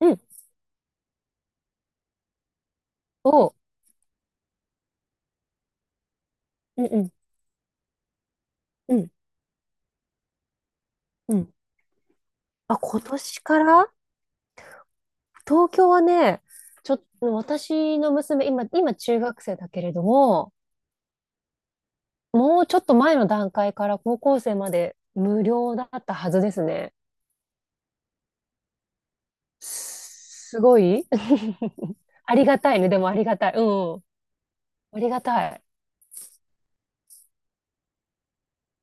うん。おう。うんうん。うん。うん。あ、今年から東京はね、ちょっと、私の娘、今中学生だけれども、もうちょっと前の段階から高校生まで無料だったはずですね。すすごい ありがたいね。でもありがたい。うん。ありがたい。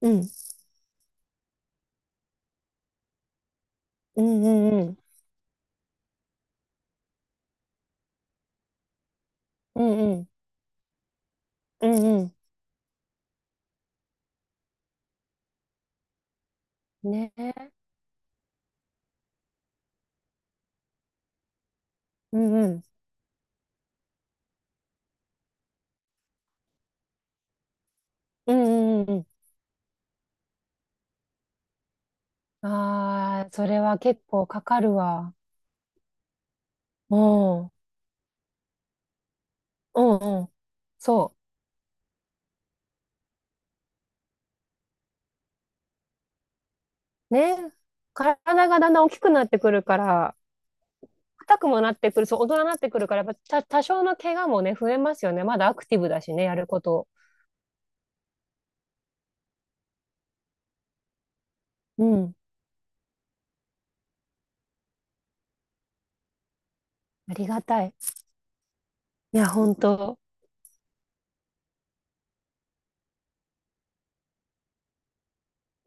うん。うんうんうん。うんうん。うんうん。ねえ。うんうん。うんうんうんうん。ああ、それは結構かかるわ。うん。うんうん。そう。ね。体がだんだん大きくなってくるから、硬くもなってくる、そう、大人になってくるから、やっぱた、多少の怪我もね、増えますよね。まだアクティブだしね、やること。うん。ありがたい。いや、本当。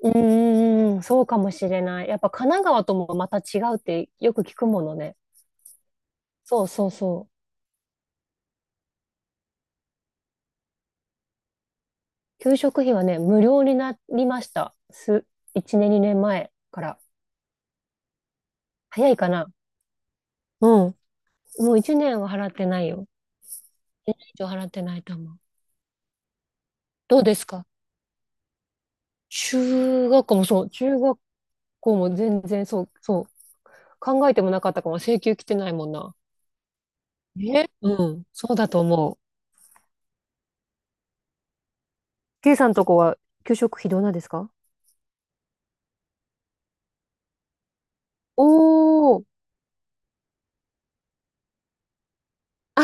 うんうんうん、そうかもしれない。やっぱ神奈川ともまた違うってよく聞くものね。そうそうそう。給食費はね、無料になりました。1年、2年前から。早いかな。うん。もう1年は払ってないよ。1年以上払ってないと思う。どうですか？中学校もそう、中学校も全然そう、そう、考えてもなかったかも、請求来てないもんな。ねうん、そうだと思う。K さんとこは給食費どうなんですか？おー、あ、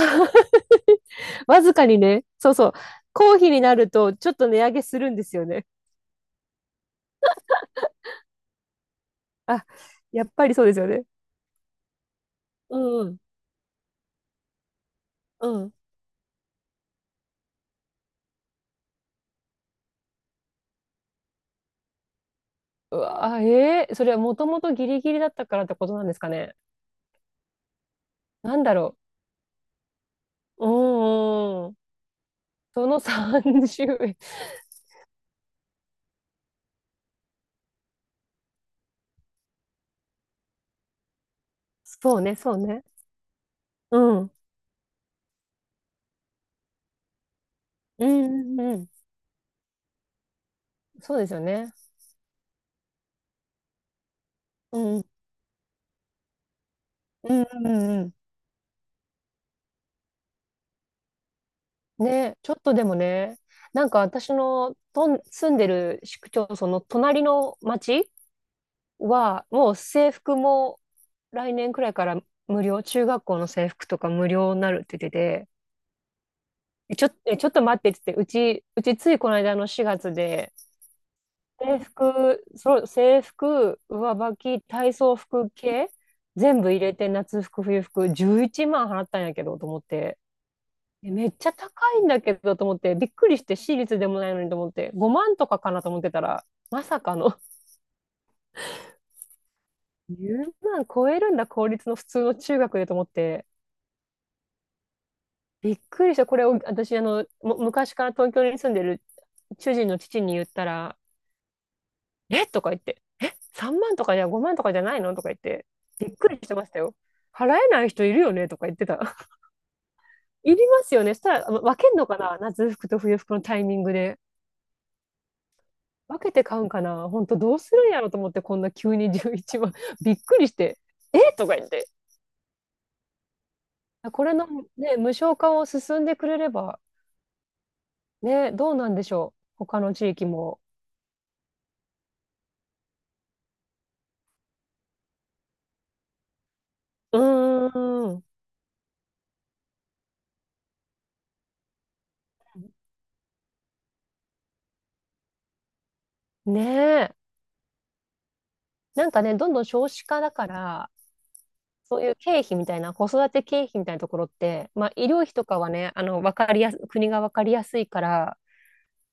わずかにね、そうそう、公費になるとちょっと値上げするんですよね。あ、やっぱりそうですよね。うん、うん。うわ、それはもともとギリギリだったからってことなんですかね。なんだろう。うん、うん。その30円。そうね、そうね。うん。うんうんうん。そうですよね。うん。うんうんうんうん。ね、ちょっとでもね、なんか私の住んでる市区町村の隣の町は、もう制服も来年くらいから無料、中学校の制服とか無料になるって言ってて、えちょっと待ってって言って、うちついこの間の4月で、制服、そう、制服、上履き、体操服系、全部入れて夏服、冬服、11万払ったんやけどと思って、えめっちゃ高いんだけどと思って、びっくりして、私立でもないのにと思って、5万とかかなと思ってたら、まさかの 10万超えるんだ、公立の普通の中学でと思って、びっくりした。これを私、昔から東京に住んでる主人の父に言ったら、えとか言って、え ?3 万とかじゃ5万とかじゃないのとか言って、びっくりしてましたよ。払えない人いるよねとか言ってた。いりますよね。そしたら、分けんのかな夏服と冬服のタイミングで。分けて買うんかな本当どうするんやろと思って、こんな急に11万。びっくりして、えとか言って。これの、ね、無償化を進んでくれれば、ね、どうなんでしょう。他の地域も。うーん。ねえ。なんかね、どんどん少子化だから、そういう経費みたいな、子育て経費みたいなところって、まあ、医療費とかはね、わかりやす、国がわかりやすいから、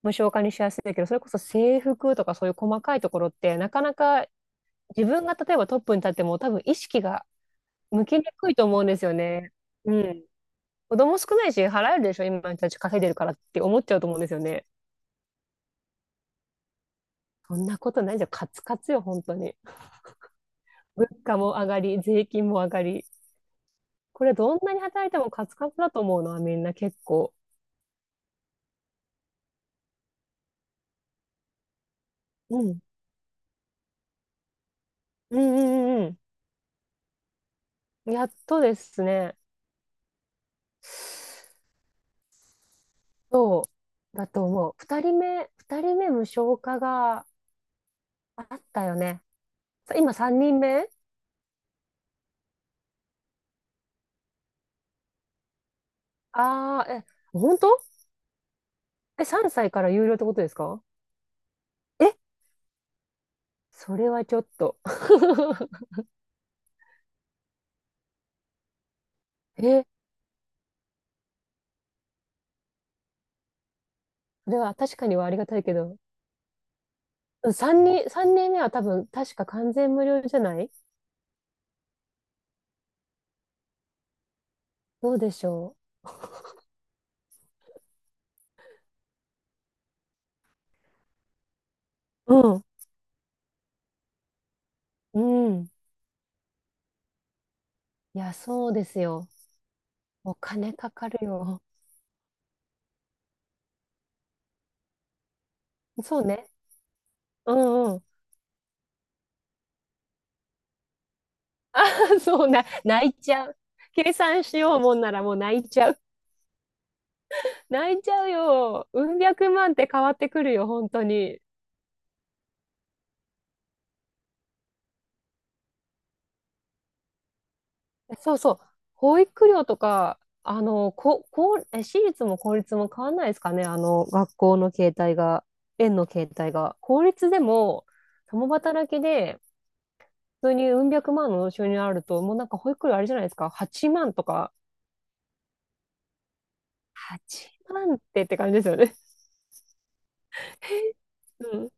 無償化にしやすいけど、それこそ制服とかそういう細かいところって、なかなか自分が例えばトップに立っても、多分意識が向きにくいと思うんですよね。うん。子供少ないし、払えるでしょ、今の人たち稼いでるからって思っちゃうと思うんですよね。そんなことないじゃん、カツカツよ、本当に。物価も上がり、税金も上がり。これどんなに働いてもカツカツだと思うのはみんな結構。うんうんうんうんうん。やっとですね。そうだと思う。二人目無償化があったよね。さ今三人目ああー、え、本当？え、3歳から有料ってことですか？え、それはちょっと。え、それは確かにはありがたいけど。うん三人目は多分確か完全無料じゃない？どうでしょう？うん。うん。いや、そうですよ。お金かかるよ。そうね。うん そうな、泣いちゃう。計算しようもんならもう泣いちゃう。泣いちゃうよ。うん百万って変わってくるよ、本当に。そうそう。保育料とか、こう、私立も公立も変わんないですかね、学校の形態が、園の形態が。公立でも、共働きで、普通にうん百万の収入あると、もうなんか保育料あれじゃないですか、8万とか。8万って感じですよね。うん。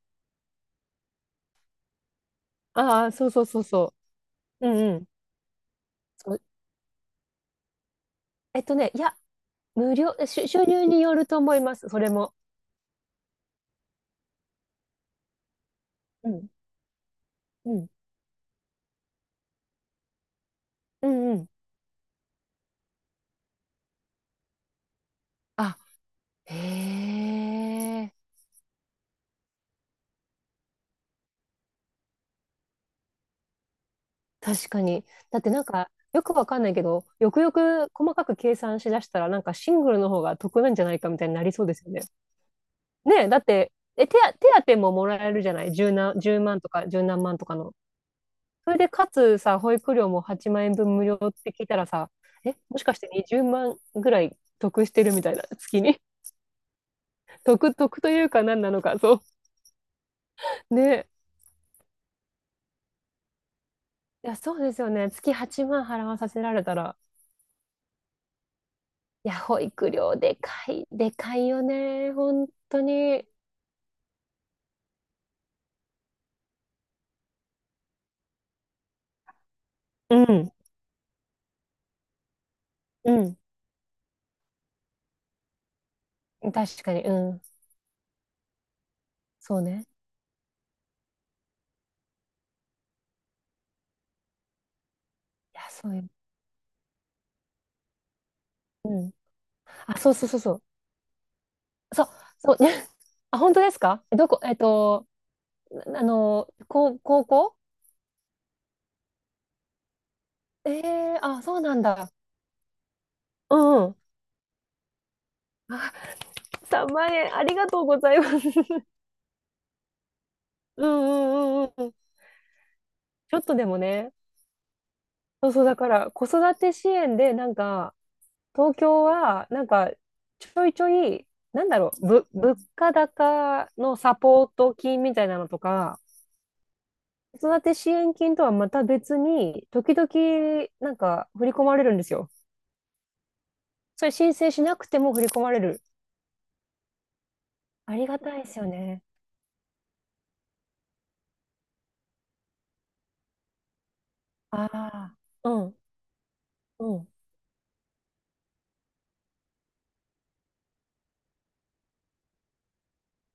ああ、そうそうそうそう。うんうん。そえっとね、いや、無料、収入によると思います、それも。うん、うん、うん、うん。あ、へえ、確かに。だってなんか、よくわかんないけど、よくよく細かく計算しだしたら、なんかシングルの方が得なんじゃないかみたいになりそうですよね。ねえ、だって、え、手当、手当ももらえるじゃない？十何、十万とか十何万とかの。それで、かつさ、保育料も8万円分無料って聞いたらさ、え、もしかして20万ぐらい得してるみたいな、月に。得というか何なのか、そう。ね。いや、そうですよね。月8万払わさせられたら。いや、保育料でかい、でかいよね。本当に。うん。うん。確かに。うん。そうね。いや、そういううん。あ、そうそうそうそう。そう、そうね。あ、本当ですか？どこ、高校ええー、あ、そうなんだ。うんうん。あ、3万円、ありがとうございます。うんうんうんうん。ちょっとでもね、そうそう、だから子育て支援で、なんか、東京は、なんか、ちょいちょい、なんだろう、物価高のサポート金みたいなのとか、子育て支援金とはまた別に、時々、なんか、振り込まれるんですよ。それ申請しなくても振り込まれる。ありがたいですよね。ああ、うん、うん。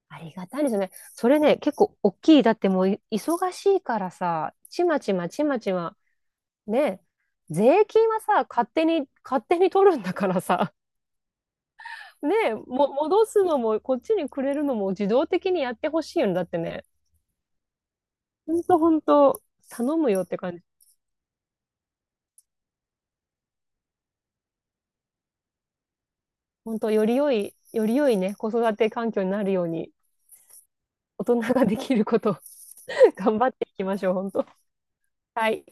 ありがたいですよね。それね、結構大きい。だってもう忙しいからさ、ちまちまちまちま、ねえ、税金はさ、勝手に、勝手に取るんだからさ、ねえ、戻すのも、こっちにくれるのも自動的にやってほしいよね。だってね、ほんとほんと、頼むよって感じ。ほんと、より良い、より良いね、子育て環境になるように、大人ができること、頑張っていきましょう、ほんと。はい。